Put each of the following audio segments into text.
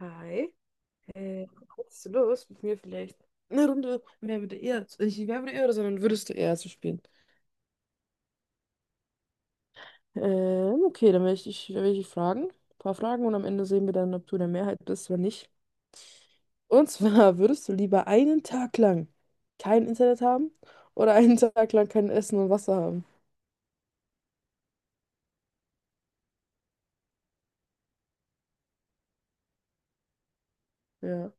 Hi. Äh, Hättest du Lust, mit mir vielleicht eine Runde Wer würde eher, nicht Wer würde eher, oder, sondern würdest du eher zu spielen? Okay, dann werde ich dich fragen. Ein paar Fragen und am Ende sehen wir dann, ob du in der Mehrheit bist oder nicht. Und zwar, würdest du lieber einen Tag lang kein Internet haben oder einen Tag lang kein Essen und Wasser haben? Ja.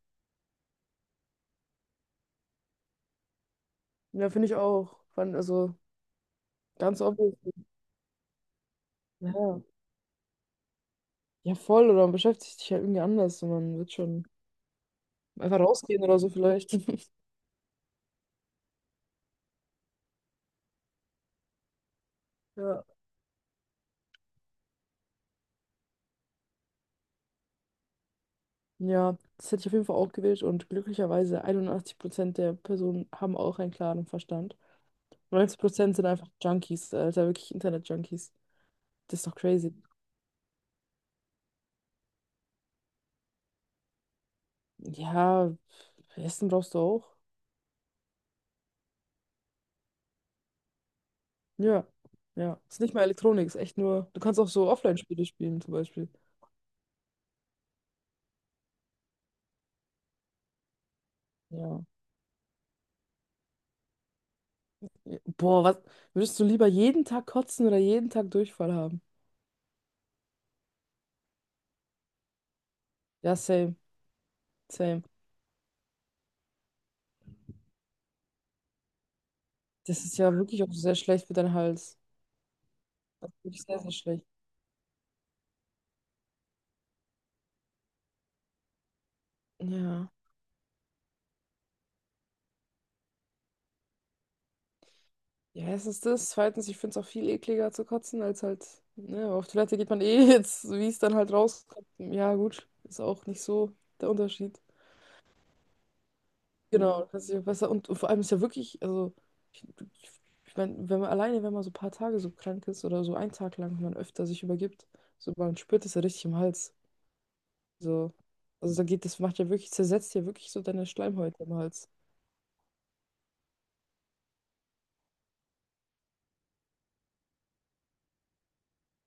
Ja, finde ich auch. Also, ganz obvious. Ja. Ja, voll, oder man beschäftigt sich halt irgendwie anders und man wird schon einfach rausgehen oder so vielleicht. Ja. Ja, das hätte ich auf jeden Fall auch gewählt und glücklicherweise 81% der Personen haben auch einen klaren Verstand. 90% sind einfach Junkies, Alter, wirklich Internet-Junkies. Das ist doch crazy. Ja, Essen brauchst du auch. Ja, ja. Ist nicht mal Elektronik, ist echt nur. Du kannst auch so Offline-Spiele spielen, zum Beispiel. Ja. Ja, Boah, was? Würdest du lieber jeden Tag kotzen oder jeden Tag Durchfall haben? Ja, same, same. Das ist ja wirklich auch sehr schlecht für deinen Hals. Das ist wirklich sehr, sehr schlecht. Ja. Ja, erstens das. Zweitens, ich finde es auch viel ekliger zu kotzen, als halt, ne, aber auf Toilette geht man eh jetzt, so wie es dann halt rauskommt. Ja, gut, ist auch nicht so der Unterschied. Genau, das kannst dich auch besser. Und vor allem ist ja wirklich, also, ich, ich, ich meine, wenn man alleine, wenn man so ein paar Tage so krank ist oder so einen Tag lang, wenn man öfter sich übergibt, so man spürt es ja richtig im Hals. So, also da geht, das macht ja wirklich, zersetzt ja wirklich so deine Schleimhäute im Hals.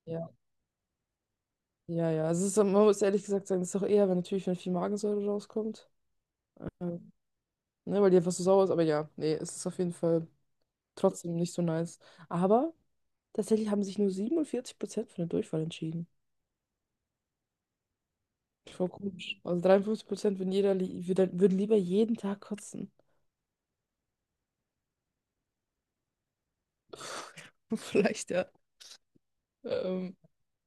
Ja, ja, ja. Also es ist, man muss ehrlich gesagt sagen, es ist auch eher, wenn natürlich, wenn viel Magensäure rauskommt. ähm, Ne, weil die einfach so sauer ist, aber ja, nee, es ist auf jeden Fall trotzdem nicht so nice. Aber tatsächlich haben sich nur 47% für den Durchfall entschieden. Voll komisch. Also 53% würden, würden lieber jeden Tag kotzen. Vielleicht, ja. Ähm,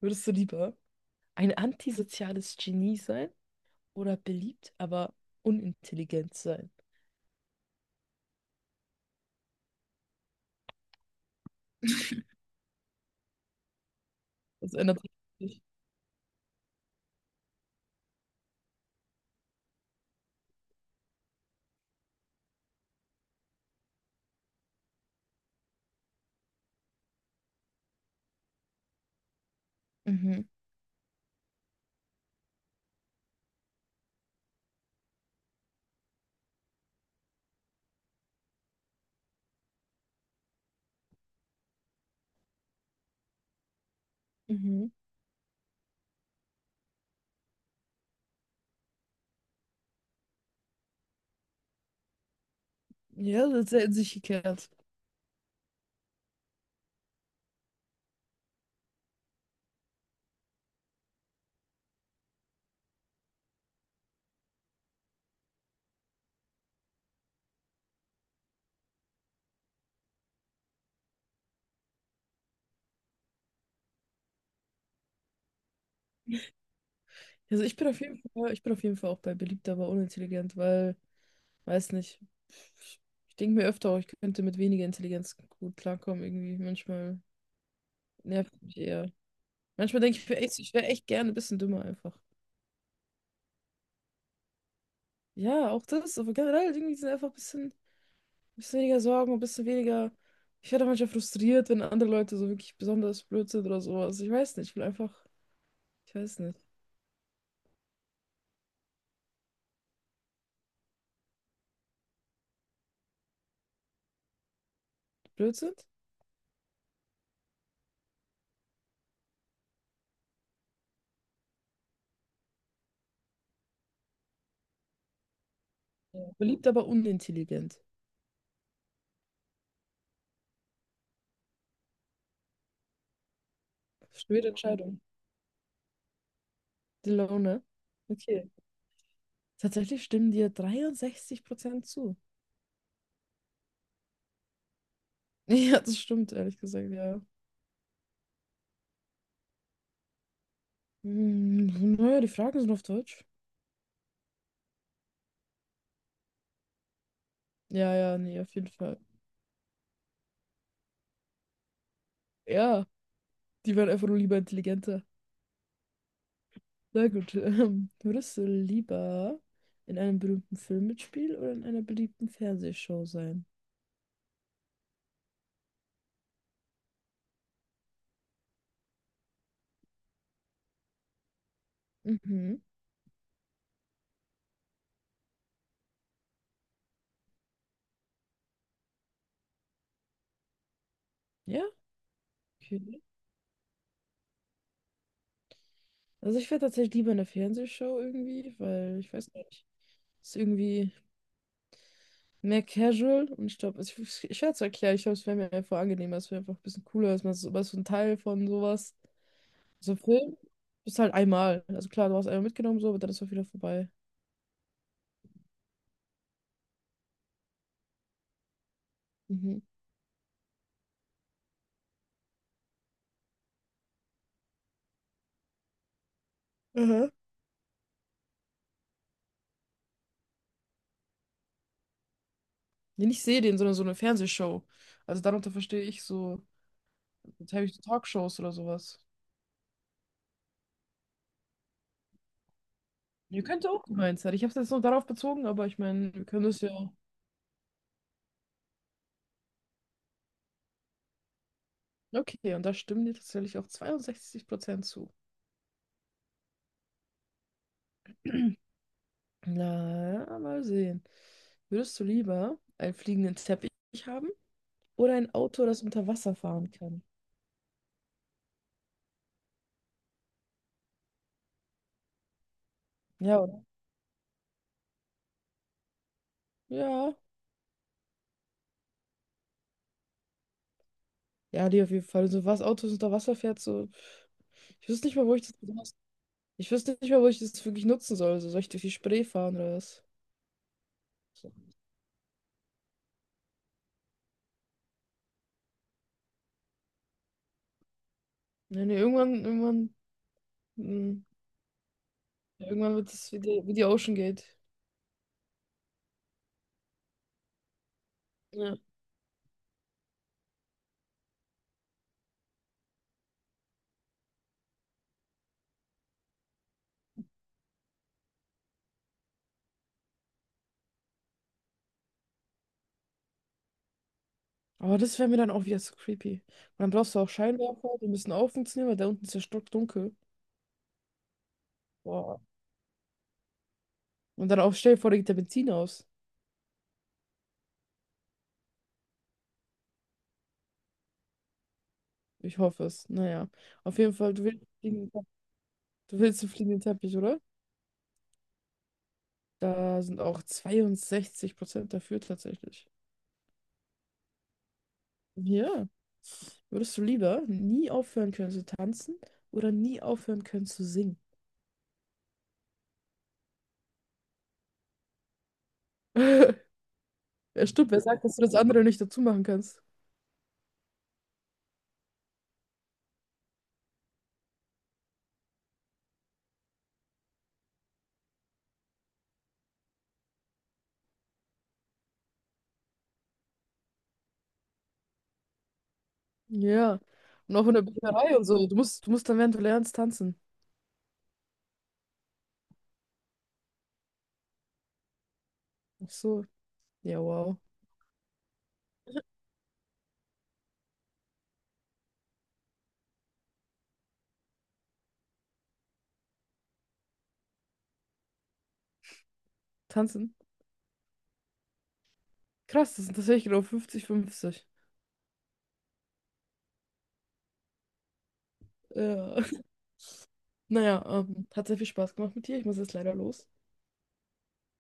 Würdest du lieber ein antisoziales Genie sein oder beliebt, aber unintelligent sein? Das ändert sich nicht. Mhm. Mhm. Ja, das ist sehr in sich gekehrt. Also ich bin auf jeden Fall, ich bin auf jeden Fall auch bei beliebt, aber unintelligent, weil weiß nicht. Ich denke mir öfter auch, ich könnte mit weniger Intelligenz gut klarkommen irgendwie. Manchmal nervt mich eher. Manchmal denke ich, mir echt, ich wäre echt gerne ein bisschen dümmer einfach. Ja, auch das, aber generell irgendwie sind einfach ein bisschen weniger Sorgen, ein bisschen weniger. Ich werde auch manchmal frustriert, wenn andere Leute so wirklich besonders blöd sind oder sowas. Ich weiß nicht, ich will einfach, ich weiß nicht, blöd sind? Ja. Beliebt, aber unintelligent. Schwere Entscheidung. Die Laune. Okay. Tatsächlich stimmen dir 63% zu. Ja, das stimmt, ehrlich gesagt, ja. Hm, naja, die Fragen sind auf Deutsch. Ja, ja, nee, auf jeden Fall. Ja, die waren einfach nur lieber intelligenter. Na gut, würdest du lieber in einem berühmten Film mitspielen oder in einer beliebten Fernsehshow sein? Mhm. Ja, okay. Also ich wäre tatsächlich lieber in der Fernsehshow irgendwie, weil ich weiß nicht, ist irgendwie mehr casual und ich glaube, ich werde es erklären, ich glaube, es wäre mir einfach angenehmer, es wäre einfach ein bisschen cooler, dass man so ein Teil von sowas. So ein Film bist halt einmal. Also klar, du hast einmal mitgenommen, so, aber dann ist auch wieder vorbei. Mhm. Mhm. Nee, nicht Serien, sondern so eine Fernsehshow. Also darunter verstehe ich so, jetzt habe ich so Talkshows oder sowas. Ihr könnt auch gemeint sein. Ich habe es jetzt nur darauf bezogen, aber ich meine, wir können es ja. Okay, und da stimmen dir tatsächlich auch 62% zu. Na, mal sehen. Würdest du lieber einen fliegenden Teppich haben oder ein Auto, das unter Wasser fahren kann? Ja, oder? Ja. Ja, die auf jeden Fall. So was Autos unter Wasser fährt, so. Ich wüsste nicht mal, wo ich das besonders. Ich wüsste nicht mal, wo ich das wirklich nutzen soll. So, soll ich durch die Spree fahren oder was? So. Nee, nee, irgendwann, irgendwann, mh, irgendwann wird es wie die, Ocean Gate. Ja. Aber das wäre mir dann auch wieder zu creepy. Und dann brauchst du auch Scheinwerfer, die müssen auch funktionieren, weil da unten ist ja stockdunkel. Boah. Und dann auch stell dir vor, da geht der Benzin aus. Ich hoffe es. Naja. Auf jeden Fall, du willst einen fliegenden Teppich, oder? Da sind auch 62% dafür tatsächlich. Ja, würdest du lieber nie aufhören können zu tanzen oder nie aufhören können zu singen? Ja, stimmt, wer sagt, dass du das andere nicht dazu machen kannst? Ja, und auch in der Bücherei und so. Du musst dann, während du lernst, tanzen. Ach so, ja, wow. Tanzen? Krass, das sind tatsächlich genau 50, 50. Ja. Naja, hat sehr viel Spaß gemacht mit dir. Ich muss jetzt leider los.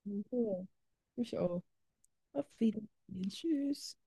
Ja, mich auch. Auf Wiedersehen. Tschüss.